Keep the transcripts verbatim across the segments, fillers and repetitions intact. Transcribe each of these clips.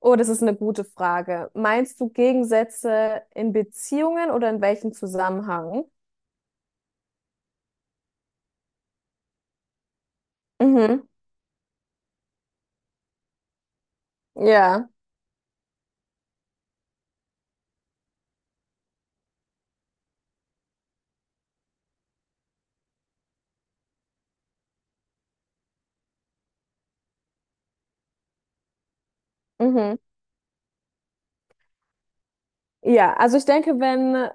Oh, das ist eine gute Frage. Meinst du Gegensätze in Beziehungen oder in welchem Zusammenhang? Mhm. Ja. Mhm. Ja, also ich denke, wenn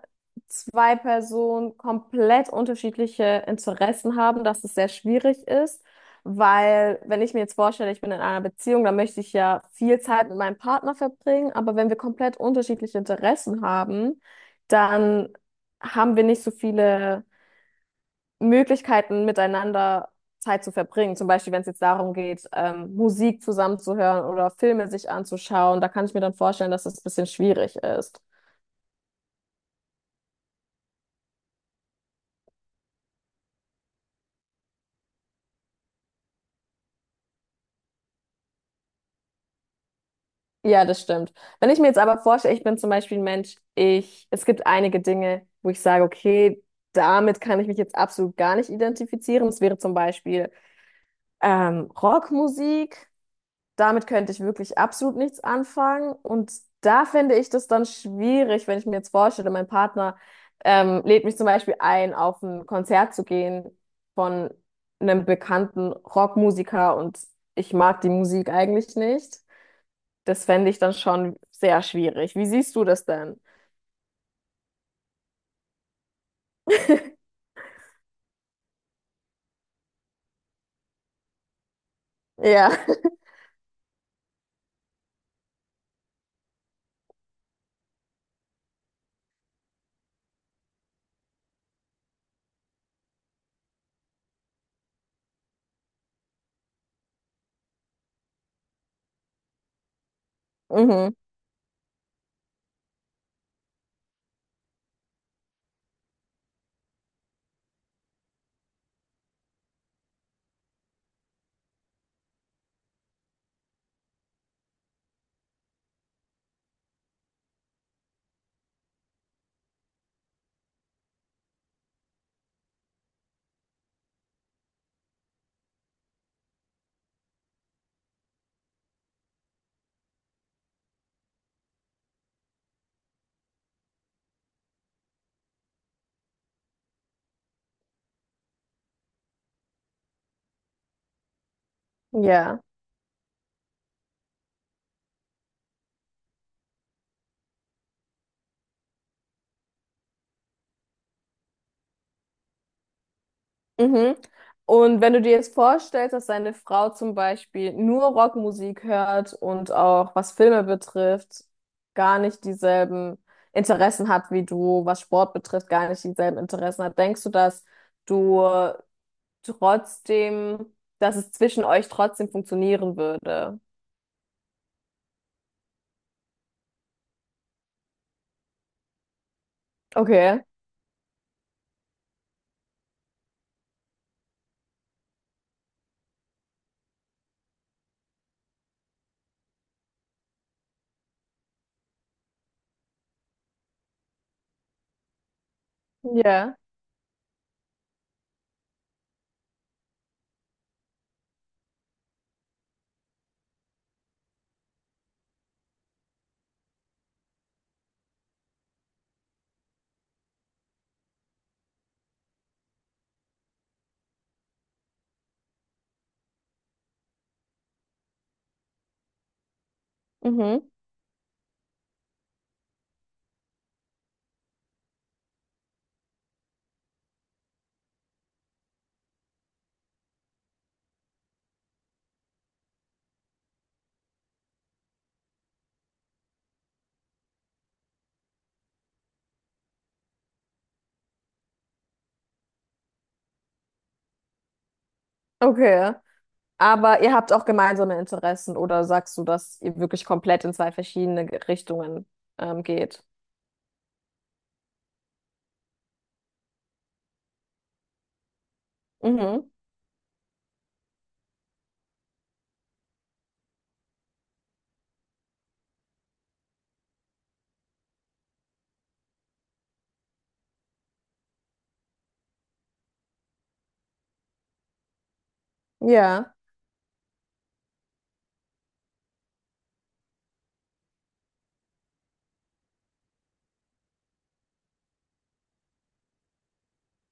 zwei Personen komplett unterschiedliche Interessen haben, dass es sehr schwierig ist, weil wenn ich mir jetzt vorstelle, ich bin in einer Beziehung, dann möchte ich ja viel Zeit mit meinem Partner verbringen, aber wenn wir komplett unterschiedliche Interessen haben, dann haben wir nicht so viele Möglichkeiten, miteinander Zeit zu verbringen. Zum Beispiel, wenn es jetzt darum geht, ähm, Musik zusammenzuhören oder Filme sich anzuschauen, da kann ich mir dann vorstellen, dass das ein bisschen schwierig ist. Ja, das stimmt. Wenn ich mir jetzt aber vorstelle, ich bin zum Beispiel ein Mensch, ich, es gibt einige Dinge, wo ich sage, okay, damit kann ich mich jetzt absolut gar nicht identifizieren. Das wäre zum Beispiel ähm, Rockmusik. Damit könnte ich wirklich absolut nichts anfangen. Und da finde ich das dann schwierig, wenn ich mir jetzt vorstelle, mein Partner ähm, lädt mich zum Beispiel ein, auf ein Konzert zu gehen von einem bekannten Rockmusiker, und ich mag die Musik eigentlich nicht. Das fände ich dann schon sehr schwierig. Wie siehst du das denn? Ja. Mhm. Ja. Mhm. Und wenn du dir jetzt vorstellst, dass deine Frau zum Beispiel nur Rockmusik hört und auch was Filme betrifft, gar nicht dieselben Interessen hat wie du, was Sport betrifft, gar nicht dieselben Interessen hat, denkst du, dass du trotzdem, dass es zwischen euch trotzdem funktionieren würde? Okay. Ja. Mhm. Okay. Aber ihr habt auch gemeinsame Interessen, oder sagst du, dass ihr wirklich komplett in zwei verschiedene Richtungen ähm, geht? Mhm. Ja,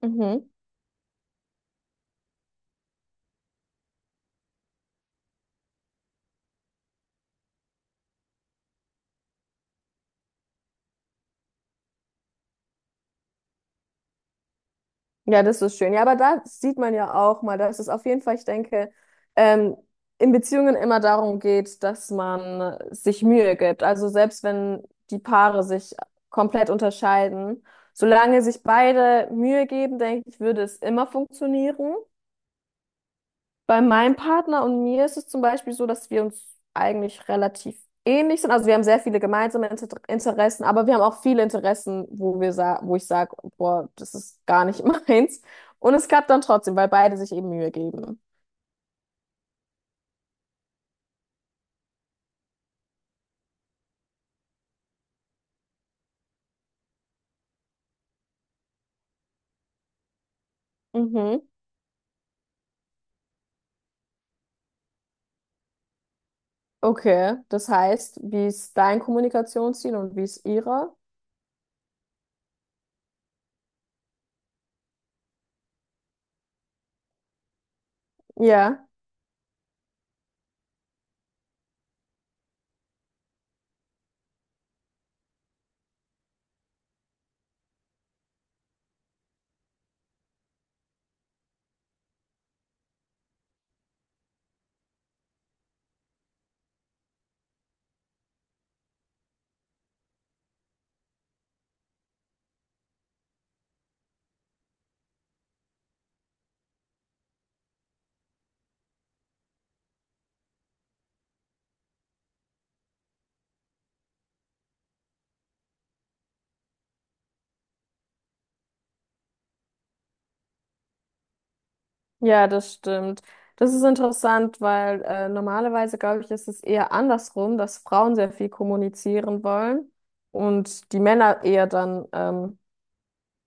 mhm. Ja, das ist schön. Ja, aber da sieht man ja auch mal, dass es auf jeden Fall, ich denke, ähm, in Beziehungen immer darum geht, dass man sich Mühe gibt. Also selbst wenn die Paare sich komplett unterscheiden, solange sich beide Mühe geben, denke ich, würde es immer funktionieren. Bei meinem Partner und mir ist es zum Beispiel so, dass wir uns eigentlich relativ ähnlich sind. Also wir haben sehr viele gemeinsame Inter Interessen, aber wir haben auch viele Interessen, wo wir sa wo ich sage, boah, das ist gar nicht meins. Und es klappt dann trotzdem, weil beide sich eben Mühe geben. Mhm. Okay, das heißt, wie ist dein Kommunikationsziel und wie ist ihrer? Ja. Ja, das stimmt. Das ist interessant, weil äh, normalerweise, glaube ich, ist es eher andersrum, dass Frauen sehr viel kommunizieren wollen und die Männer eher dann ähm,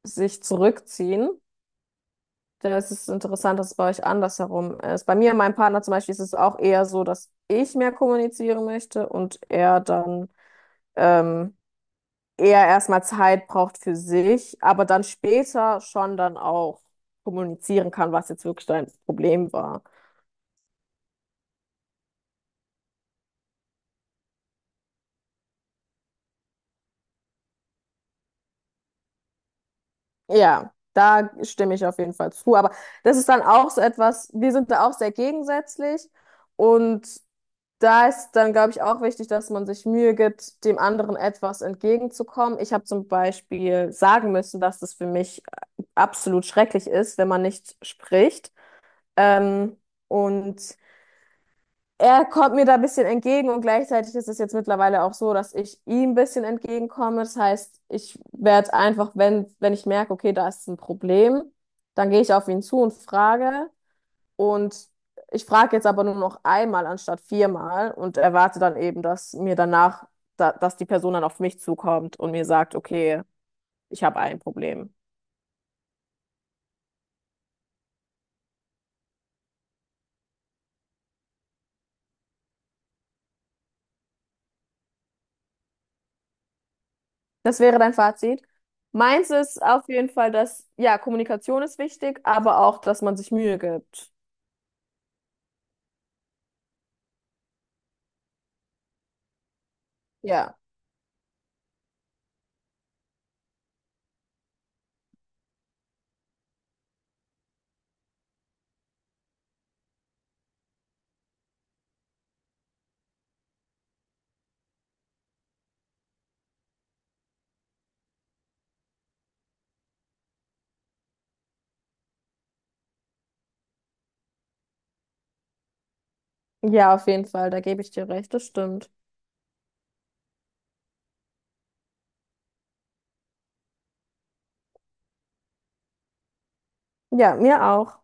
sich zurückziehen. Da ist es interessant, dass es bei euch andersherum ist. Bei mir und meinem Partner zum Beispiel ist es auch eher so, dass ich mehr kommunizieren möchte und er dann ähm, eher erstmal Zeit braucht für sich, aber dann später schon dann auch kommunizieren kann, was jetzt wirklich dein Problem war. Ja, da stimme ich auf jeden Fall zu. Aber das ist dann auch so etwas, wir sind da auch sehr gegensätzlich. Und da ist dann, glaube ich, auch wichtig, dass man sich Mühe gibt, dem anderen etwas entgegenzukommen. Ich habe zum Beispiel sagen müssen, dass es für mich absolut schrecklich ist, wenn man nicht spricht. Ähm, und er kommt mir da ein bisschen entgegen und gleichzeitig ist es jetzt mittlerweile auch so, dass ich ihm ein bisschen entgegenkomme. Das heißt, ich werde einfach, wenn, wenn ich merke, okay, da ist ein Problem, dann gehe ich auf ihn zu und frage. Und ich frage jetzt aber nur noch einmal anstatt viermal und erwarte dann eben, dass mir danach, da, dass die Person dann auf mich zukommt und mir sagt, okay, ich habe ein Problem. Das wäre dein Fazit. Meins ist auf jeden Fall, dass, ja, Kommunikation ist wichtig, aber auch, dass man sich Mühe gibt. Ja. Ja, auf jeden Fall, da gebe ich dir recht, das stimmt. Ja, mir auch.